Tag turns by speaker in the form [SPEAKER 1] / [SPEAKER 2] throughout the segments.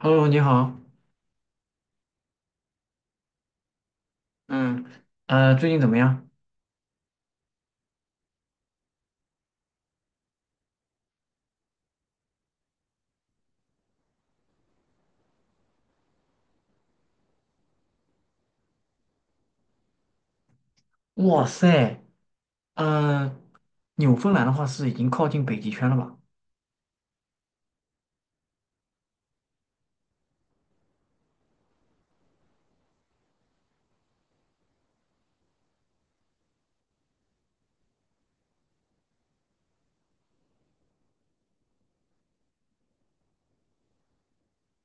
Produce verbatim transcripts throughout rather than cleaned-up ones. [SPEAKER 1] Hello，你好，嗯，呃，最近怎么样？哇塞，呃，纽芬兰的话是已经靠近北极圈了吧？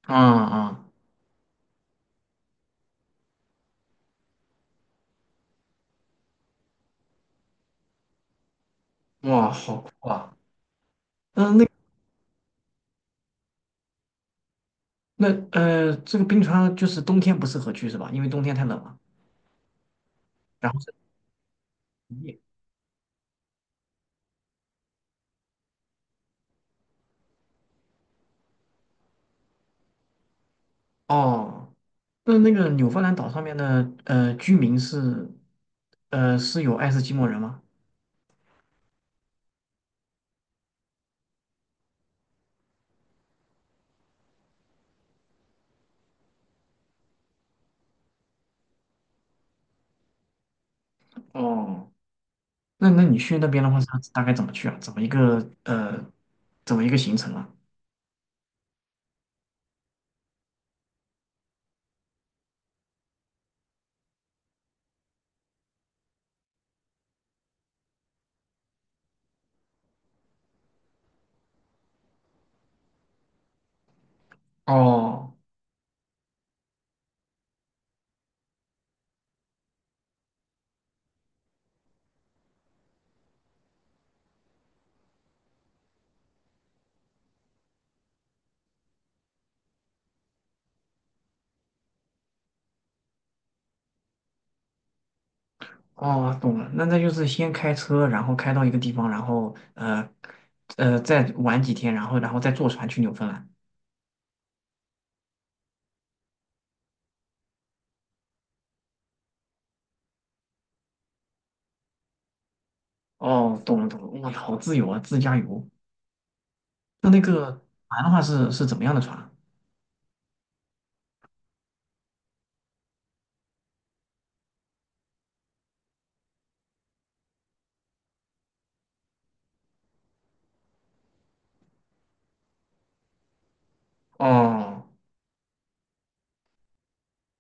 [SPEAKER 1] 啊嗯，哇，好酷啊！嗯、那那呃，这个冰川就是冬天不适合去是吧？因为冬天太冷了。然后是哦，那那个纽芬兰岛上面的呃居民是呃是有爱斯基摩人吗？哦，那那你去那边的话，是大概怎么去啊？怎么一个呃怎么一个行程啊？哦。哦，懂了，那那就是先开车，然后开到一个地方，然后呃呃再玩几天，然后然后再坐船去纽芬兰。哦，懂了懂了，哇，好自由啊，自驾游。那那个船的话是是怎么样的船啊哦，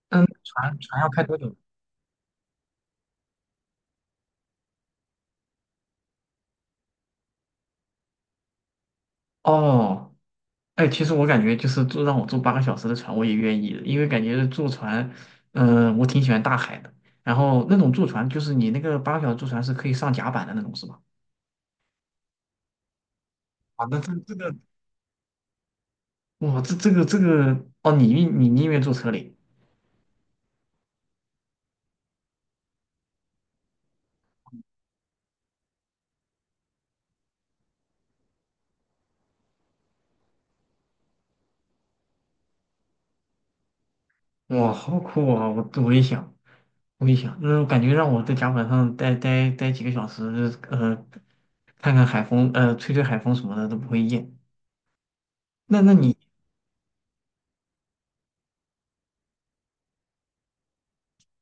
[SPEAKER 1] 嗯，船船要开多久？哦，哎，其实我感觉就是坐让我坐八个小时的船，我也愿意的，因为感觉坐船，嗯、我挺喜欢大海的。然后那种坐船，就是你那个八个小时坐船是可以上甲板的那种，是吧？啊，那这这个哇，这这个这个哦，你你宁愿坐车里，哇，好酷啊！我我也想，我也想，嗯，感觉让我在甲板上待待待几个小时，呃，看看海风，呃，吹吹海风什么的都不会厌。那那你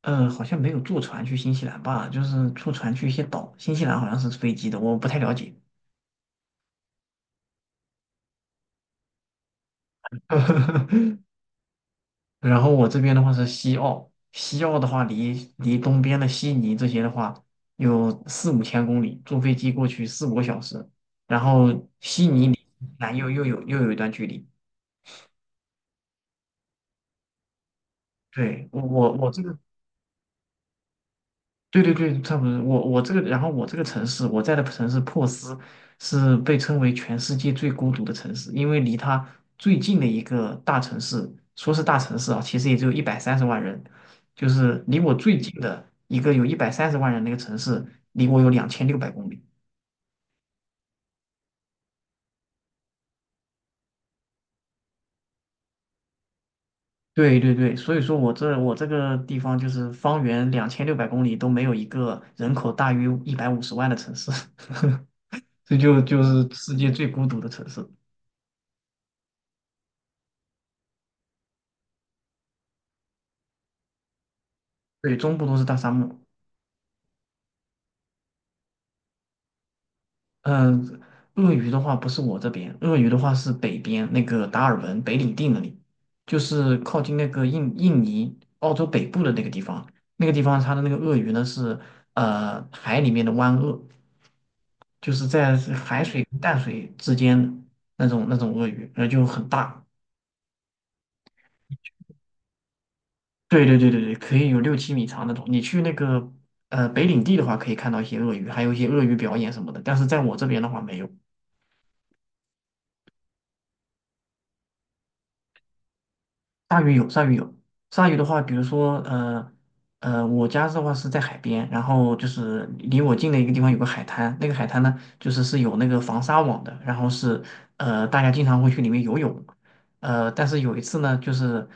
[SPEAKER 1] 呃，好像没有坐船去新西兰吧？就是坐船去一些岛，新西兰好像是飞机的，我不太了解。然后我这边的话是西澳，西澳的话离离东边的悉尼这些的话有四五千公里，坐飞机过去四五个小时，然后悉尼离南又又有又有一段距离。对，我我我这个对对对，差不多。我我这个，然后我这个城市，我在的城市珀斯是被称为全世界最孤独的城市，因为离它最近的一个大城市，说是大城市啊，其实也就一百三十万人，就是离我最近的一个有一百三十万人那个城市，离我有两千六百公里。对对对，所以说我这我这个地方就是方圆两千六百公里都没有一个人口大于一百五十万的城市，这就就是世界最孤独的城市。对，中部都是大沙漠。嗯，鳄鱼的话不是我这边，鳄鱼的话是北边那个达尔文、北领地那里，就是靠近那个印印尼、澳洲北部的那个地方。那个地方它的那个鳄鱼呢是呃海里面的湾鳄，就是在海水跟淡水之间的那种那种鳄鱼，那就很大。对对对对对，可以有六七米长那种。你去那个呃北领地的话，可以看到一些鳄鱼，还有一些鳄鱼表演什么的。但是在我这边的话没有。鲨鱼有，鲨鱼有。鲨鱼的话，比如说，呃，呃，我家的话是在海边，然后就是离我近的一个地方有个海滩，那个海滩呢，就是是有那个防鲨网的，然后是，呃，大家经常会去里面游泳，呃，但是有一次呢，就是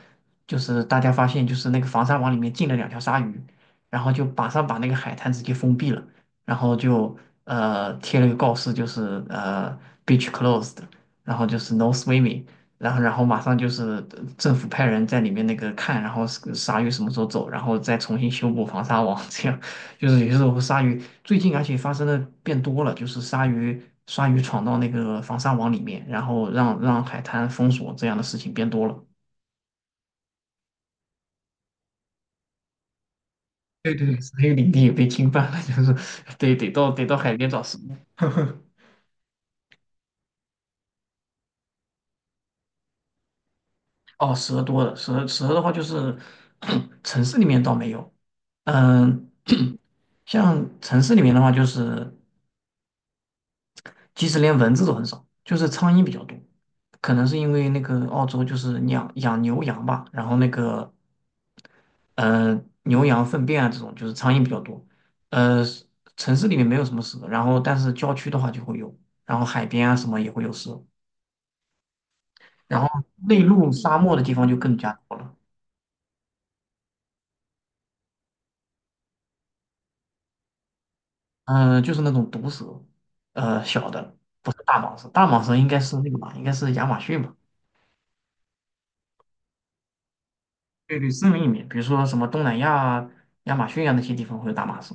[SPEAKER 1] 就是大家发现就是那个防鲨网里面进了两条鲨鱼，然后就马上把那个海滩直接封闭了，然后就呃贴了个告示，就是呃 beach closed，然后就是 no swimming。然后然后马上就是政府派人在里面那个看，然后是鲨鱼什么时候走，然后再重新修补防鲨网，这样就是有时候鲨鱼最近而且发生的变多了，就是鲨鱼鲨鱼闯到那个防鲨网里面，然后让让海滩封锁这样的事情变多了。对对，鲨鱼领地也被侵犯了，就是 得得到得到海边找食物。哦，蛇多了，蛇蛇的话就是 城市里面倒没有，嗯，像城市里面的话就是。即使连蚊子都很少，就是苍蝇比较多。可能是因为那个澳洲就是养养牛羊吧，然后那个呃牛羊粪便啊这种就是苍蝇比较多。呃，城市里面没有什么蛇，然后但是郊区的话就会有，然后海边啊什么也会有蛇，然后内陆沙漠的地方就更加多了。嗯、呃，就是那种毒蛇，呃，小的不是大蟒蛇，大蟒蛇应该是那个吧，应该是亚马逊吧。对对，是名一面，比如说什么东南亚啊、亚马逊啊那些地方会有大马士。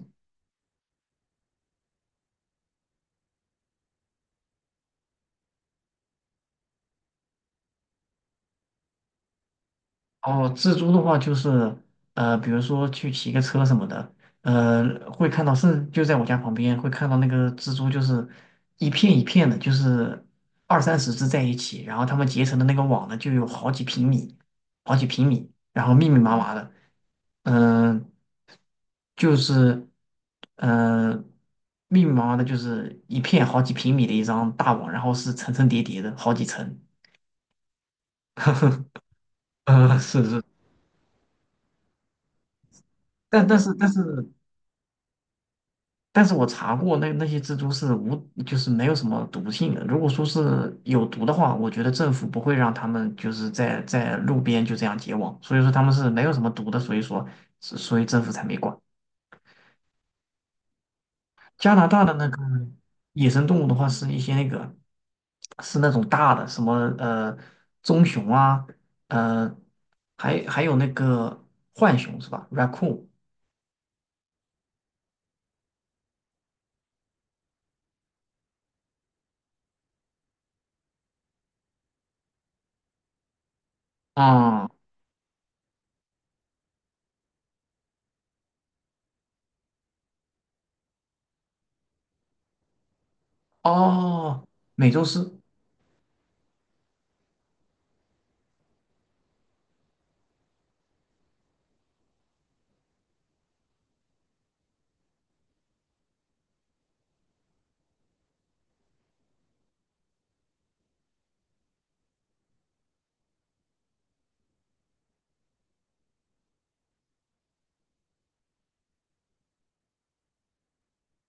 [SPEAKER 1] 哦，蜘蛛的话就是，呃，比如说去骑个车什么的，呃，会看到，是就在我家旁边会看到那个蜘蛛，就是一片一片的，就是二三十只在一起，然后它们结成的那个网呢，就有好几平米，好几平米，然后密密麻麻的，嗯、就是，嗯，密密麻麻的，就是一片好几平米的一张大网，然后是层层叠叠的，好几层。呃，是是，但但是但是但是我查过那那些蜘蛛是无，就是没有什么毒性的。如果说是有毒的话，我觉得政府不会让他们就是在在路边就这样结网，所以说他们是没有什么毒的，所以说所以政府才没管。加拿大的那个野生动物的话，是一些那个是那种大的，什么呃棕熊啊，呃，还还有那个浣熊是吧？raccoon 啊、哦，美洲狮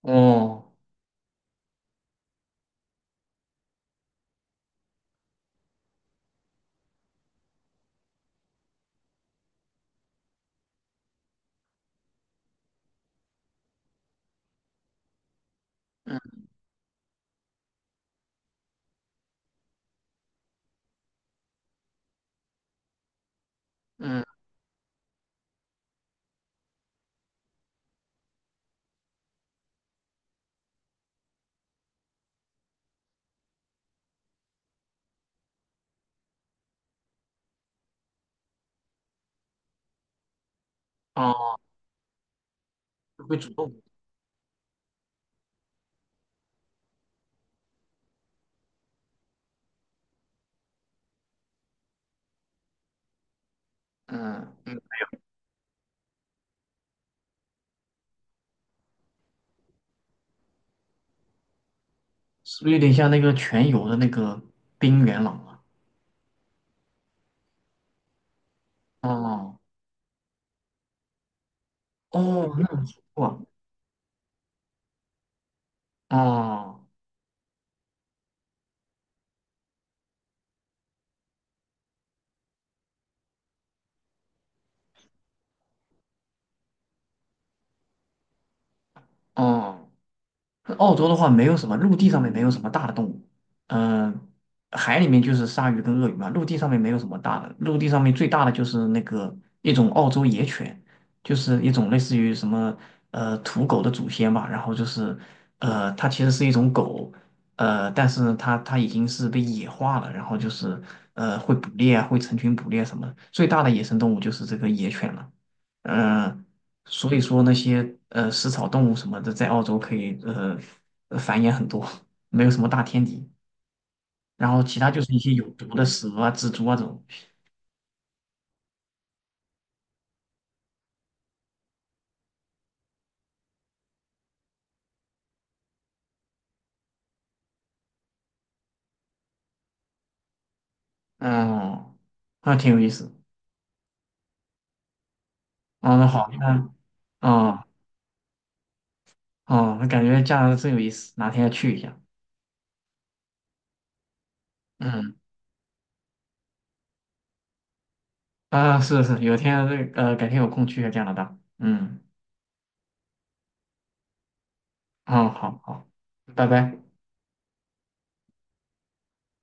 [SPEAKER 1] 哦，嗯嗯哦，会主动，嗯嗯，是不是有点像那个全游的那个冰原狼啊？哦哦，那很不错啊哦哦。澳洲的话，没有什么陆地上面没有什么大的动物，嗯、海里面就是鲨鱼跟鳄鱼嘛，陆地上面没有什么大的，陆地上面最大的就是那个一种澳洲野犬，就是一种类似于什么呃土狗的祖先吧，然后就是呃它其实是一种狗，呃但是它它已经是被野化了，然后就是呃会捕猎啊，会成群捕猎什么的，最大的野生动物就是这个野犬了，嗯、所以说那些呃食草动物什么的，在澳洲可以呃呃繁衍很多，没有什么大天敌。然后其他就是一些有毒的蛇啊、蜘蛛啊这种，嗯，那挺有意思。嗯，那好，那嗯嗯，那感觉加拿大真有意思，哪天要去一下。嗯啊，是是，有天呃改天有空去一下加拿大。嗯嗯，好好，拜拜。